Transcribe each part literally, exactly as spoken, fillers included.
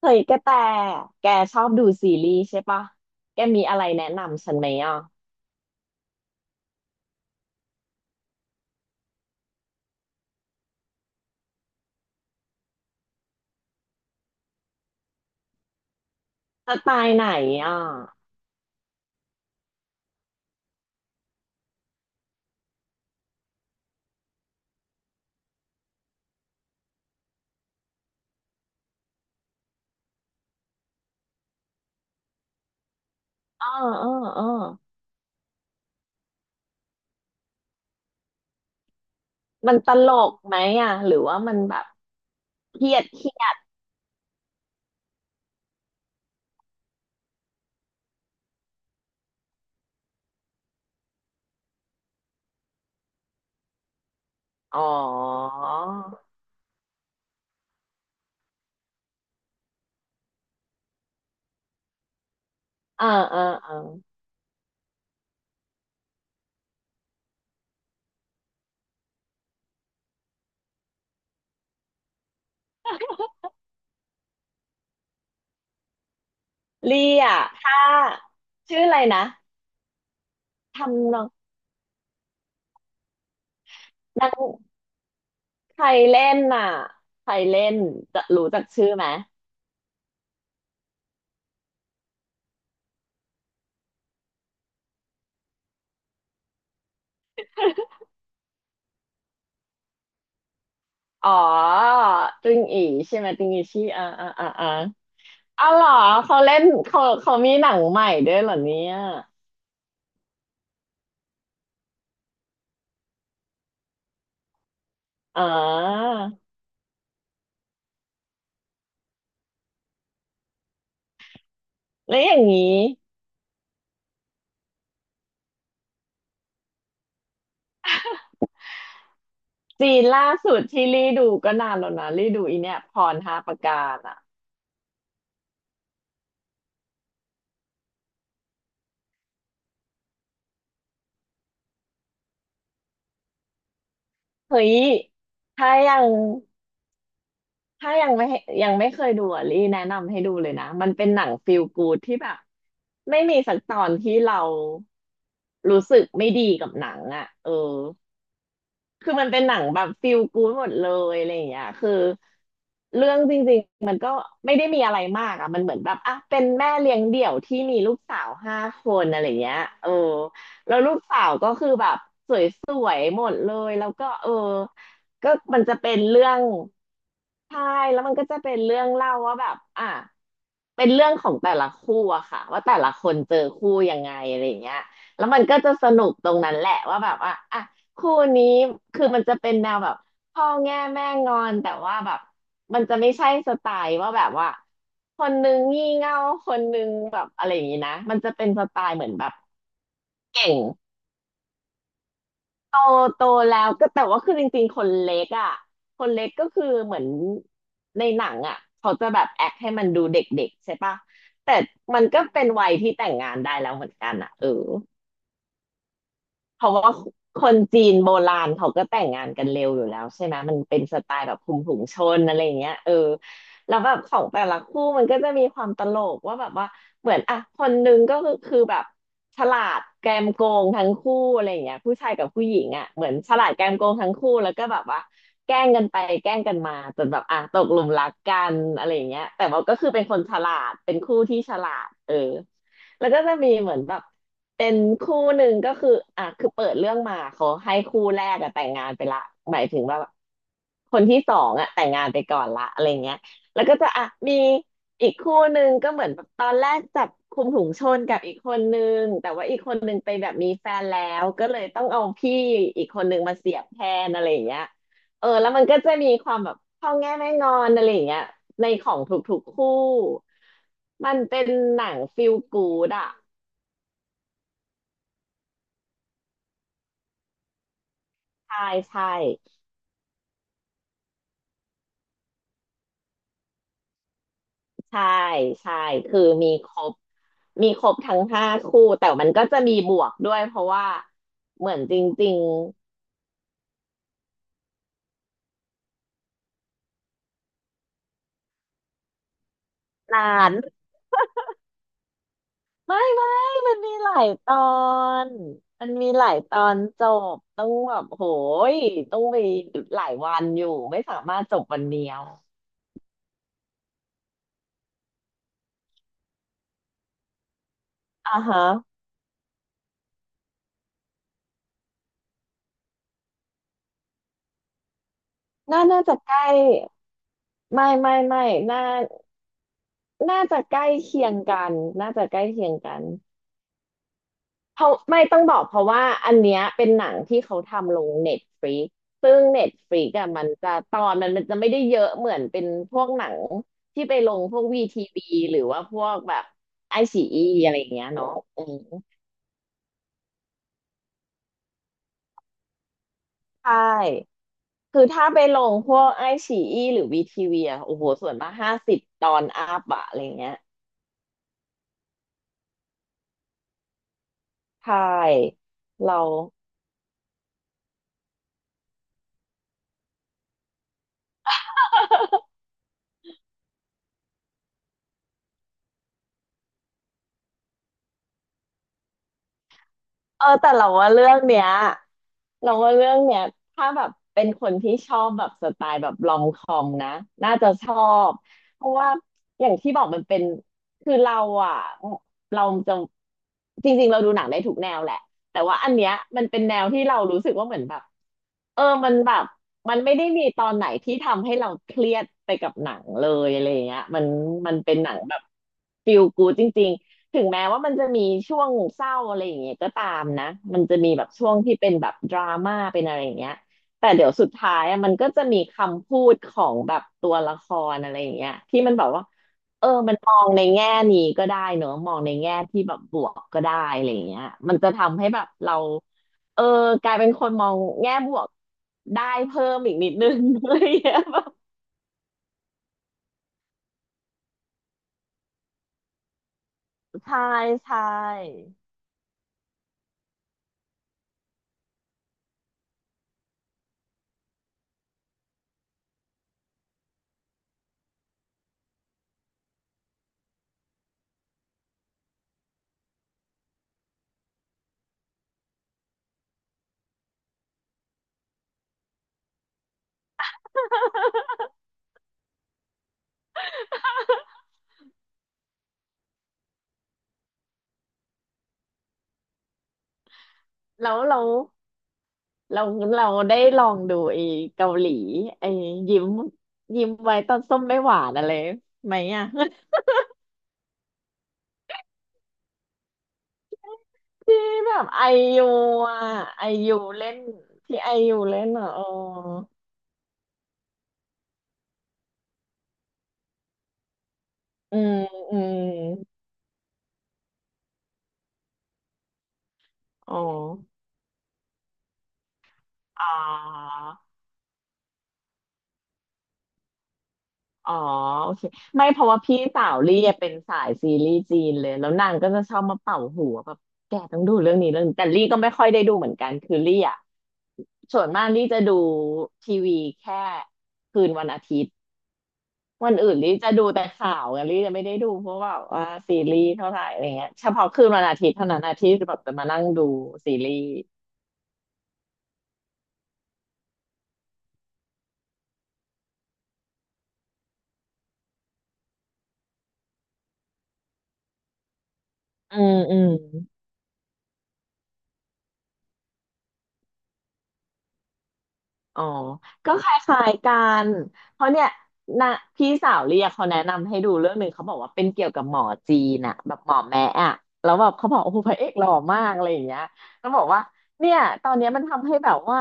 เฮ้ยกระแตแกชอบดูซีรีส์ใช่ปะแกมีอะไรแนะนำฉันไหมอ่ะสไตล์ไหนอ่ะเออเออเออมันตลกไหมอ่ะหรือว่ามันแบบเครียดเครียดอ๋อเออเออเออลี่อ่ะถ้าชื่ออะไรนะทำนองนางใครเล่นน่ะใครเล่นจะรู้จักชื่อไหมอ๋อตึงอีใช่ไหมตึงอีชี่อ่าอ่าอ่า อ๋อเหรอเขาเล่นเขาเขามีหนังใหม่ด้วยเหรอเนี่ยอ๋อแล้วอย่างนี้จีนล่าสุดที่รีดูก็นานแล้วนะรีดูอีเนี่ยพรห้าประการอ่ะเฮ้ยถ้ายังถ้ายังไม่ยังไม่เคยดูอ่ะรีแนะนำให้ดูเลยนะมันเป็นหนังฟีลกูดที่แบบไม่มีสักตอนที่เรารู้สึกไม่ดีกับหนังอ่ะเออ คือมันเป็นหนังแบบฟีลกู๊ดหมดเลยอะไรอย่างเงี้ยคือเรื่องจริงๆมันก็ไม่ได้มีอะไรมากอ่ะมันเหมือนแบบอ่ะเป็นแม่เลี้ยงเดี่ยวที่มีลูกสาวห้าคนอะไรเงี้ยเออแล้วลูกสาวก็คือแบบสวยๆหมดเลยแล้วก็เออก็มันจะเป็นเรื่องใช่แล้วมันก็จะเป็นเรื่องเล่าว่าแบบอ่ะเป็นเรื่องของแต่ละคู่อะค่ะว่าแต่ละคนเจอคู่ยังไงอะไรอย่างเงี้ยแล้วมันก็จะสนุกตรงนั้นแหละว่าแบบว่าอ่ะ คู่นี้คือมันจะเป็นแนวแบบพ่อแง่แม่งอนแต่ว่าแบบมันจะไม่ใช่สไตล์ว่าแบบว่าคนนึงงี่เง่าคนนึงแบบอะไรอย่างนี้นะมันจะเป็นสไตล์เหมือนแบบเก่งโตโตแล้วก็แต่ว่าคือจริงๆคนเล็กอ่ะคนเล็กก็คือเหมือนในหนังอ่ะเขาจะแบบแอคให้มันดูเด็กๆใช่ปะแต่มันก็เป็นวัยที่แต่งงานได้แล้วเหมือนกันอ่ะเออ เพราะว่าคนจีนโบราณเขาก็แต่งงานกันเร็วอยู่แล้วใช่ไหมมันเป็นสไตล์แบบคุมถุงชนอะไรอย่างเงี้ยเออแล้วแบบของแต่ละคู่มันก็จะมีความตลกว่าแบบว่าเหมือนอ่ะคนหนึงก็คือคือแบบฉลาดแกมโกงทั้งคู่อะไรอย่างเงี้ยผู้ชายกับผู้หญิงอ่ะเหมือนฉลาดแกมโกงทั้งคู่แล้วก็แบบว่าแกล้งกันไปแกล้งกันมาจนแบบอ่ะตกหลุมรักกันอะไรอย่างเงี้ยแต่ว่าก็คือเป็นคนฉลาดเป็นคู่ที่ฉลาดเออ แล้วก็จะมีเหมือนแบบเป็นคู่หนึ่งก็คืออ่ะคือเปิดเรื่องมาเขาให้คู่แรกอะแต่งงานไปละหมายถึงว่าคนที่สองอะแต่งงานไปก่อนละอะไรเงี้ยแล้วก็จะอ่ะมีอีกคู่หนึ่งก็เหมือนแบบตอนแรกจับคุมถุงชนกับอีกคนนึงแต่ว่าอีกคนนึงไปแบบมีแฟนแล้วก็เลยต้องเอาพี่อีกคนนึงมาเสียบแทนอะไรอย่างเงี้ย เออแล้วมันก็จะมีความแบบพ่อแง่แม่งอนอะไรอย่างเงี้ยในของทุกๆคู่มันเป็นหนังฟีลกูดอ่ะใช่ใช่ใช่ใช่คือมีครบมีครบทั้งห้าคู่แต่มันก็จะมีบวกด้วยเพราะว่าเหมือนจริงๆนานไม่ไม่มันมีหลายตอนมันมีหลายตอนจบต้องแบบโหยต้องไปหลายวันอยู่ไม่สามารถจบวันเดียวอ่าฮะ น่าน่าจะใกล้ไม่ไม่ไม่น่าน่าจะใกล้เคียงกันน่าจะใกล้เคียงกันเพราะไม่ต้องบอกเพราะว่าอันเนี้ยเป็นหนังที่เขาทำลงเน็ตฟ i ิกซึ่งเน็ตฟ i ิกอะมันจะตอนมันมันจะไม่ได้เยอะเหมือนเป็นพวกหนังที่ไปลงพวกวีทีวีหรือว่าพวกแบบไอซีอีอะไรอย่างเงี้ยเนาะอืมใช่คือถ้าไปลงพวกไอซีอีหรือวีทีวีอะโอ้โหส่วนมากห้าสิบตอนอัพอะอะไรเงี้ย ใช่เราเออแต่เราว่าเรื่องเนี้ยเราว่าเรื่องเนี้ยถ้าแบบเป็นคนที่ชอบแบบสไตล์แบบลองคอมนะน่าจะชอบเพราะว่าอย่างที่บอกมันเป็นคือเราอ่ะเราจะจริงๆเราดูหนังได้ทุกแนวแหละแต่ว่าอันเนี้ยมันเป็นแนวที่เรารู้สึกว่าเหมือนแบบเออมันแบบมันไม่ได้มีตอนไหนที่ทำให้เราเครียดไปกับหนังเลยอะไรอย่างเงี้ยมันมันเป็นหนังแบบ ฟีลกู๊ด จริง ถึงแม้ว่ามันจะมีช่วงเศร้าอะไรอย่างเงี้ยก็ตามนะมันจะมีแบบช่วงที่เป็นแบบดราม่าเป็นอะไรอย่างเงี้ยแต่เดี๋ยวสุดท้ายอะมันก็จะมีคำพูดของแบบตัวละครอะไรอย่างเงี้ยที่มันแบบว่าเออมันมองในแง่นี้ก็ได้เนอะมองในแง่ที่แบบบวกก็ได้อะไรอย่างเงี้ยมันจะทำให้แบบเราเออกลายเป็นคนมองแง่บวกได้เพิ่มอีกนิดนึง อะไรอย่างเงี้ยแบบใช่ใช่แล้วแล้ว เราเราได้ลองดูไอ้เกาหลีไอ้ยิ้มยิ้มไว้ตอนส้มไม่หวานอะไรไหมอ่ะ ที่แบบไอยูอ่ะไอยูเล่นที่ไอยูเล่นอ่ะเอออืมอืมอ๋ออ๋อ อ๋อโอเคไม่เพราะว่าพี่สาวลี่อะเป็นสายซีรีส์จีนเลยแล้วนางก็จะชอบมาเป่าหัวแบบแกต้องดูเรื่องนี้เรื่องนี้แต่ลี่ก็ไม่ค่อยได้ดูเหมือนกันคือลี่อ่ะส่วนมากลี่จะดูทีวีแค่คืนวันอาทิตย์วันอื่นลี่จะดูแต่ข่าวไงลี่จะไม่ได้ดูเพราะว่าว่าซีรีส์เท่าไหร่อะไรเงี้ยเฉพาะคืนวันอาทิตย์เท่านั้นอาทิตย์แบบจะมานั่งดูซีรีส์อืมอืม อ๋อก็คล้ายๆกันเพราะเนี่ยนะพี่สาวเรียกเขาแนะนำให้ดูเรื่องหนึ่งเขาบอกว่าเป็นเกี่ยวกับหมอจีนอะแบบหมอแม้อะแล้วแบบเขาบอกโอ้โหพระเอกหล่อมากอะไรอย่างเงี้ยแล้วบอกว่าเนี่ยตอนเนี้ยมันทำให้แบบว่า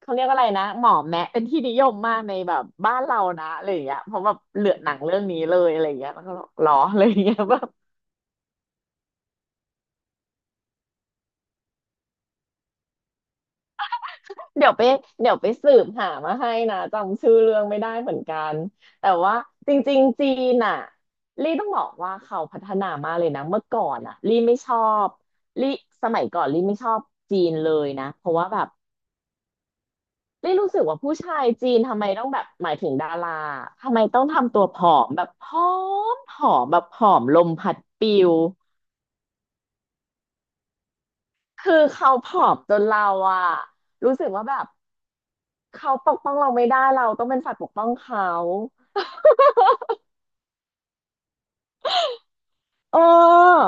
เขาเรียกอะไรนะหมอแม้เป็นที่นิยมมากในแบบบ้านเรานะอะไรอย่างเงี้ยเพราะแบบเหลือหนังเรื่องนี้เลยอะไรอย่างเงี้ยแล้วก็บอกหรออะไรอย่างเงี้ย แบบ เดี๋ยวไปเดี๋ยวไปสืบหามาให้นะจำชื่อเรื่องไม่ได้เหมือนกันแต่ว่าจริงๆจีนอ่ะลี่ต้องบอกว่าเขาพัฒนามากเลยนะเมื่อก่อนอ่ะลี่ไม่ชอบลี่สมัยก่อนลี่ไม่ชอบจีนเลยนะเพราะว่าแบบลี่รู้สึกว่าผู้ชายจีนทำไมต้องแบบหมายถึงดาราทำไมต้องทำตัวผอมแบบผอมผอมแบบผอมลมพัดปิวคือเขาผอมจนเราอะรู้สึกว่าแบบเขาปกป้องเราไม่ได้เราต้องเป็นฝ่ายปกป้องเขา เออ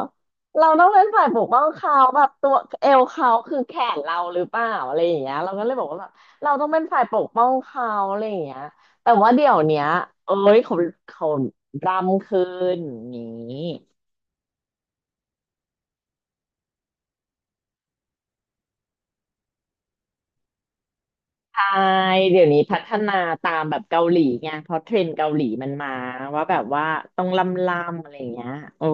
เราต้องเป็นฝ่ายปกป้องเขาแบบตัวเอวเขาคือแขนเราหรือเปล่าอะไรอย่างเงี้ยเราก็เลยบอกว่าแบบเราต้องเป็นฝ่ายปกป้องเขาอะไรอย่างเงี้ยแต่ว่าเดี๋ยวเนี้ยเอ้ยเขาเขารำคืนอย่างนี้ใช่เดี๋ยวนี้พัฒนาตามแบบเกาหลีไงเพราะเทรนด์เกาหลีมันมาว่าแบบว่าต้องลำลำอะไรอย่างเงี้ยโอ้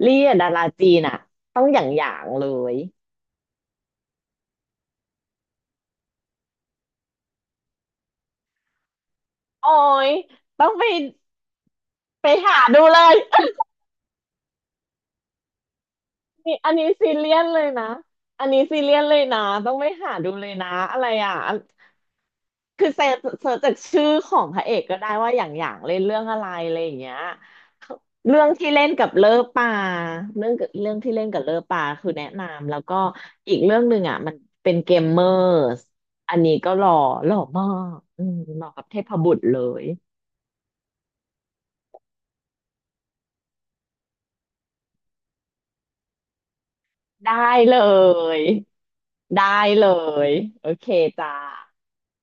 เรียดาราจีนอ่ะต้องอย่างอย่างเลยโอ้ยต้องไปไปหาดูเลย นี่อันนี้ซีเรียสเลยนะอันนี้ซีเรียสเลยนะต้องไปหาดูเลยนะอะไรอ่ะอันคือเสิร์ชเสิร์ชจากชื่อของพระเอกก็ได้ว่าอย่างอย่างเล่นเรื่องอะไรอะไรอย่างเงี้ยเรื่องที่เล่นกับเลอปาเรื่องเรื่องที่เล่นกับเลอปาคือแนะนำแล้วก็อีกเรื่องหนึ่งอ่ะมันเป็นเกมเมอร์สอันนี้ก็หล่อหล่อมากอืมเหมาะกับเทพบุตรเลยได้เลยได้เลยโอเคจ้า